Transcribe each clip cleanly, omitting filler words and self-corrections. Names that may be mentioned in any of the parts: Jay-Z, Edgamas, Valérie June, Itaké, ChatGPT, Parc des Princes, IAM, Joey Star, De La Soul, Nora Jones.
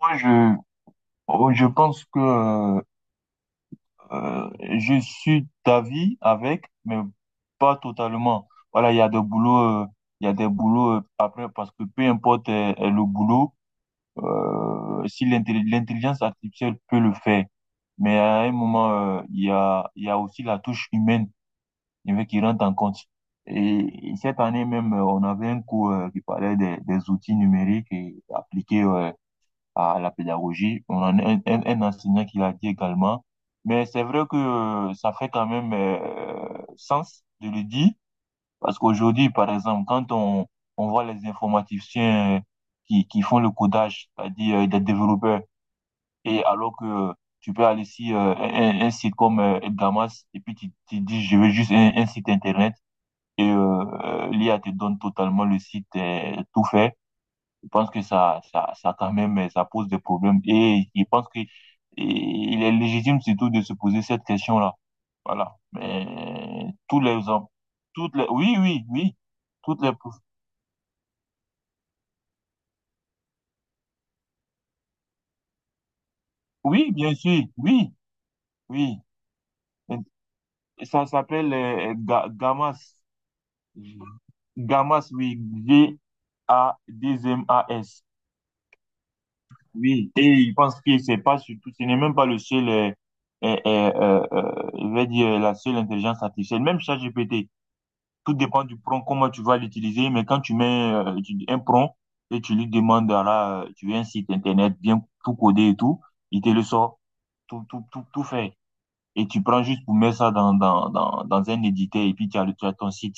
Moi, je, oh, je pense que euh, je suis d'avis avec, mais pas totalement. Voilà, il y a des boulots après, parce que peu importe le boulot, si l'intelligence artificielle peut le faire, mais à un moment, il y a aussi la touche humaine qui rentre en compte. Et cette année même, on avait un cours qui parlait des outils numériques et appliqués, ouais, à la pédagogie. On en a un enseignant qui l'a dit également. Mais c'est vrai que ça fait quand même sens de le dire, parce qu'aujourd'hui, par exemple, quand on voit les informaticiens qui font le codage, c'est-à-dire des développeurs, et alors que tu peux aller sur un site comme Edgamas, et puis tu dis, je veux juste un site Internet, et l'IA te donne totalement le site tout fait. Je pense que ça quand même, ça pose des problèmes. Et je pense que il est légitime surtout de se poser cette question-là. Voilà. Mais tous les hommes, toutes les, oui, oui, oui, toutes les, oui, bien sûr, oui, oui. Ça s'appelle Gamas. Gamas, oui, Gadmas. Oui, et il pense qu'il c'est pas surtout, ce n'est même pas le seul, je vais dire, la seule intelligence artificielle, même ChatGPT, tout dépend du prompt, comment tu vas l'utiliser, mais quand tu mets un prompt et tu lui demandes, ah là, tu veux un site internet bien tout codé et tout, il te le sort, tout, tout, tout, tout fait. Et tu prends juste pour mettre ça dans un éditeur et puis tu as ton site.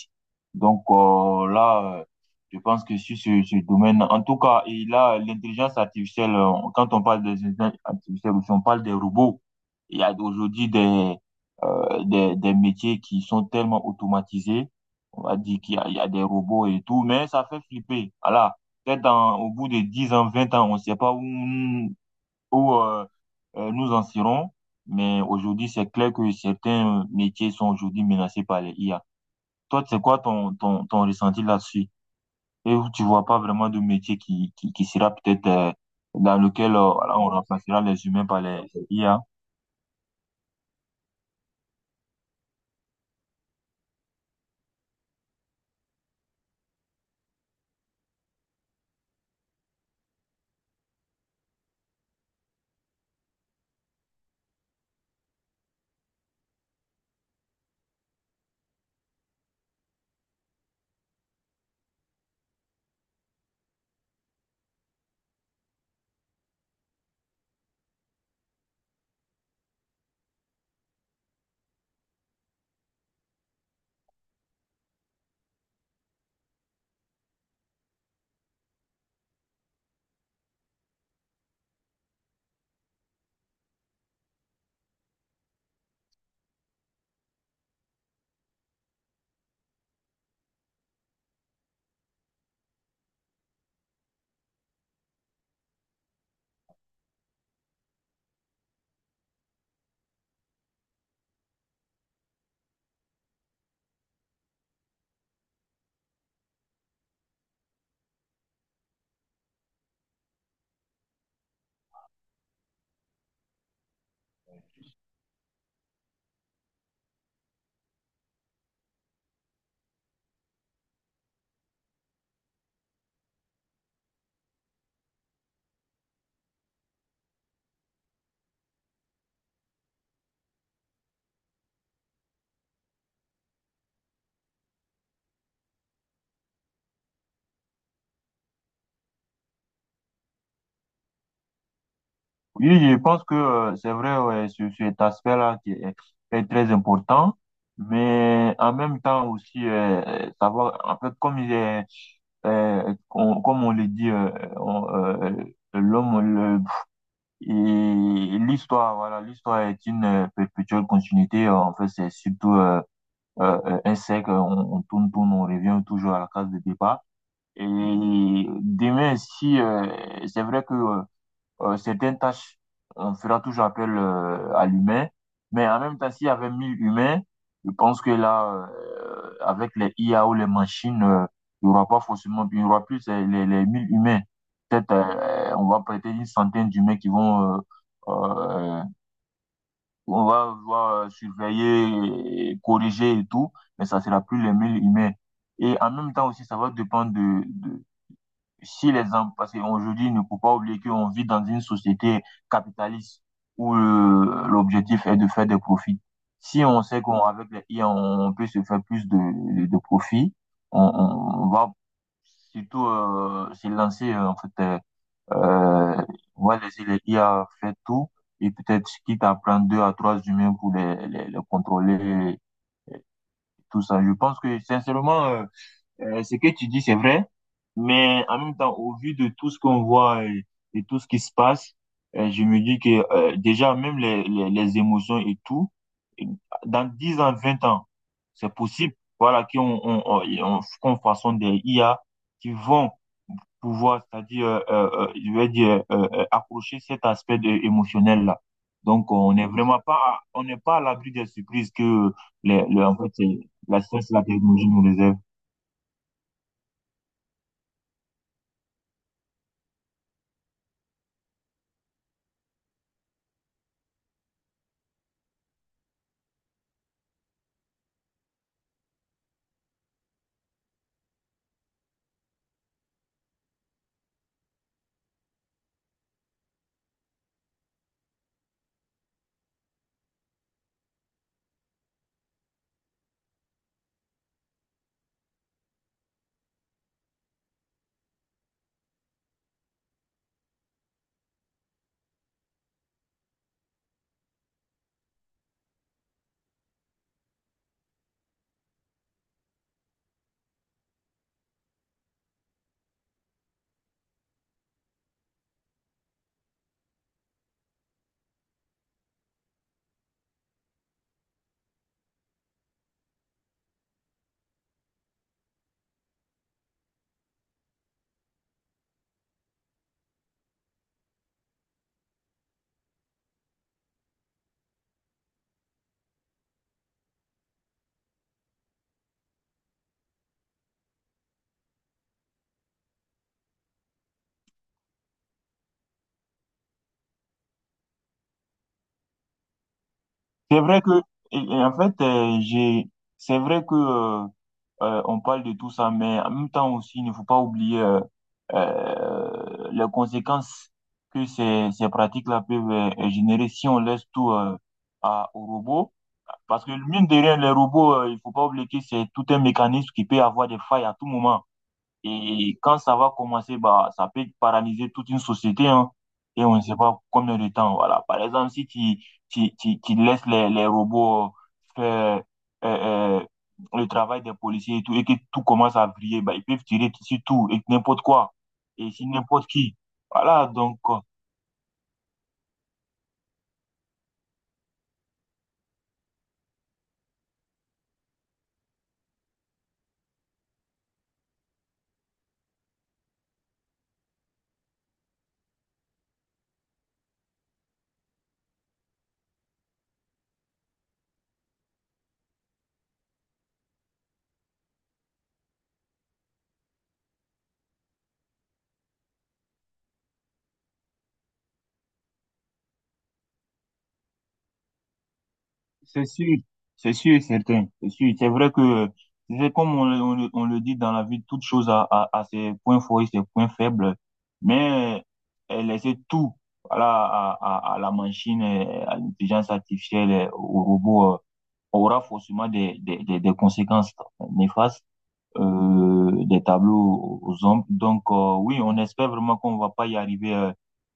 Donc là, je pense que sur ce domaine, en tout cas, et là, l'intelligence artificielle, quand on parle des intelligences artificielles, aussi, on parle des robots. Il y a aujourd'hui des métiers qui sont tellement automatisés. On va dire qu'il y a des robots et tout, mais ça fait flipper. Voilà. Peut-être au bout de 10 ans, 20 ans, on ne sait pas où, où euh, nous en serons. Mais aujourd'hui, c'est clair que certains métiers sont aujourd'hui menacés par les IA. Toi, c'est quoi ton ressenti là-dessus? Et où tu vois pas vraiment de métier qui sera peut-être dans lequel voilà, on remplacera les humains par les IA? Oui, je pense que c'est vrai, ouais, cet aspect-là qui est très important. Mais en même temps aussi, savoir, en fait, comme il est, comme on le dit, on, euh, l'homme, et l'histoire, voilà, l'histoire est une perpétuelle continuité. En fait, c'est surtout un cercle. On tourne, tourne, on revient toujours à la case de départ. Et demain, si c'est vrai que certaines tâches, on fera toujours appel à l'humain. Mais en même temps, s'il y avait 1000 humains, je pense que là, avec les IA ou les machines, il n'y aura pas forcément, il y aura plus les 1000 humains. Peut-être, on va prêter une centaine d'humains qui vont, euh, on va voir surveiller, et corriger et tout, mais ça sera plus les 1000 humains. Et en même temps aussi, ça va dépendre de, si parce qu'aujourd'hui, il ne faut pas oublier qu'on vit dans une société capitaliste où l'objectif est de faire des profits. Si on sait qu'on avec les IA, on peut se faire plus de profits, on va surtout se lancer en fait. Euh, on va laisser les IA faire tout et peut-être quitte à prendre deux à trois humains pour les contrôler, tout ça. Je pense que sincèrement, ce que tu dis, c'est vrai. Mais en même temps, au vu de tout ce qu'on voit et tout ce qui se passe, je me dis que déjà, même les émotions et tout, et dans 10 ans, 20 ans, c'est possible, voilà, qu'on qu'on façonne des IA qui vont pouvoir, c'est-à-dire, je vais dire, approcher cet aspect émotionnel-là. Donc, on n'est vraiment pas, on n'est pas à l'abri des surprises que en fait, la science, la technologie nous réserve. C'est vrai que, et en fait, c'est vrai que on parle de tout ça, mais en même temps aussi, il ne faut pas oublier les conséquences que ces pratiques-là peuvent générer si on laisse tout à, aux robots. Parce que mine de rien, les robots, il faut pas oublier que c'est tout un mécanisme qui peut avoir des failles à tout moment. Et quand ça va commencer, bah, ça peut paralyser toute une société, hein, et on ne sait pas combien de temps. Voilà. Par exemple, si tu laisses les robots faire euh, euh, le travail des policiers et tout, et que tout commence à briller, bah, ils peuvent tirer sur tout et n'importe quoi, et sur n'importe qui. Voilà, donc. C'est sûr, c'est sûr et certain, c'est sûr. C'est vrai que c'est comme on le dit dans la vie, toute chose a ses points forts et ses points faibles, mais laisser tout, voilà, à la machine, à l'intelligence artificielle, au robot, aura forcément des conséquences néfastes des tableaux aux hommes. Donc, oui, on espère vraiment qu'on ne va pas y arriver euh,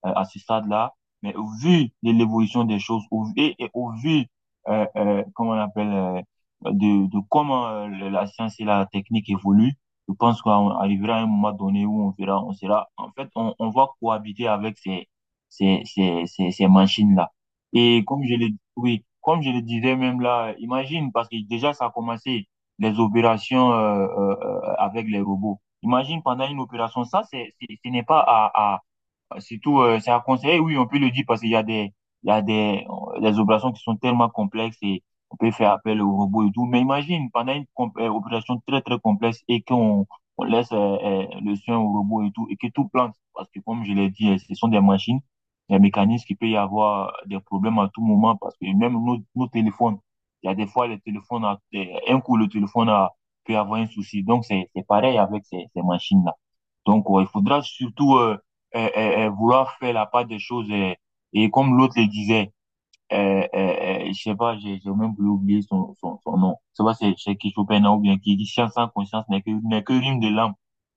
euh, à ce stade-là. Mais au vu de l'évolution des choses, et au vu, comment on appelle, de comment la science et la technique évoluent, je pense qu'on arrivera à un moment donné où on verra, on sera, en fait, on va cohabiter avec ces machines-là. Et comme oui, comme je le disais même là, imagine, parce que déjà ça a commencé les opérations avec les robots. Imagine pendant une opération, ça, ce n'est pas Surtout, c'est à conseiller, oui, on peut le dire parce qu'il y a des, il y a des, des opérations qui sont tellement complexes et on peut faire appel au robot et tout. Mais imagine, pendant une opération très, très complexe et qu'on on laisse le soin au robot et tout, et que tout plante. Parce que, comme je l'ai dit, ce sont des machines, des mécanismes qui peut y avoir des problèmes à tout moment parce que même nos téléphones, il y a des fois, les téléphones, un coup, le téléphone peut avoir un souci. Donc, c'est pareil avec ces machines-là. Donc, il faudra surtout, vouloir faire la part des choses. Et comme l'autre le disait, je sais pas, j'ai même oublié son nom. Je sais pas, c'est qui Chopin ou bien qui dit science sans conscience n'est que rime de l'âme.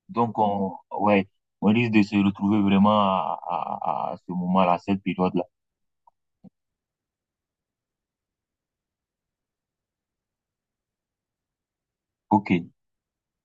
Donc, ouais, on risque de se retrouver vraiment à ce moment-là, à cette période-là. Ok.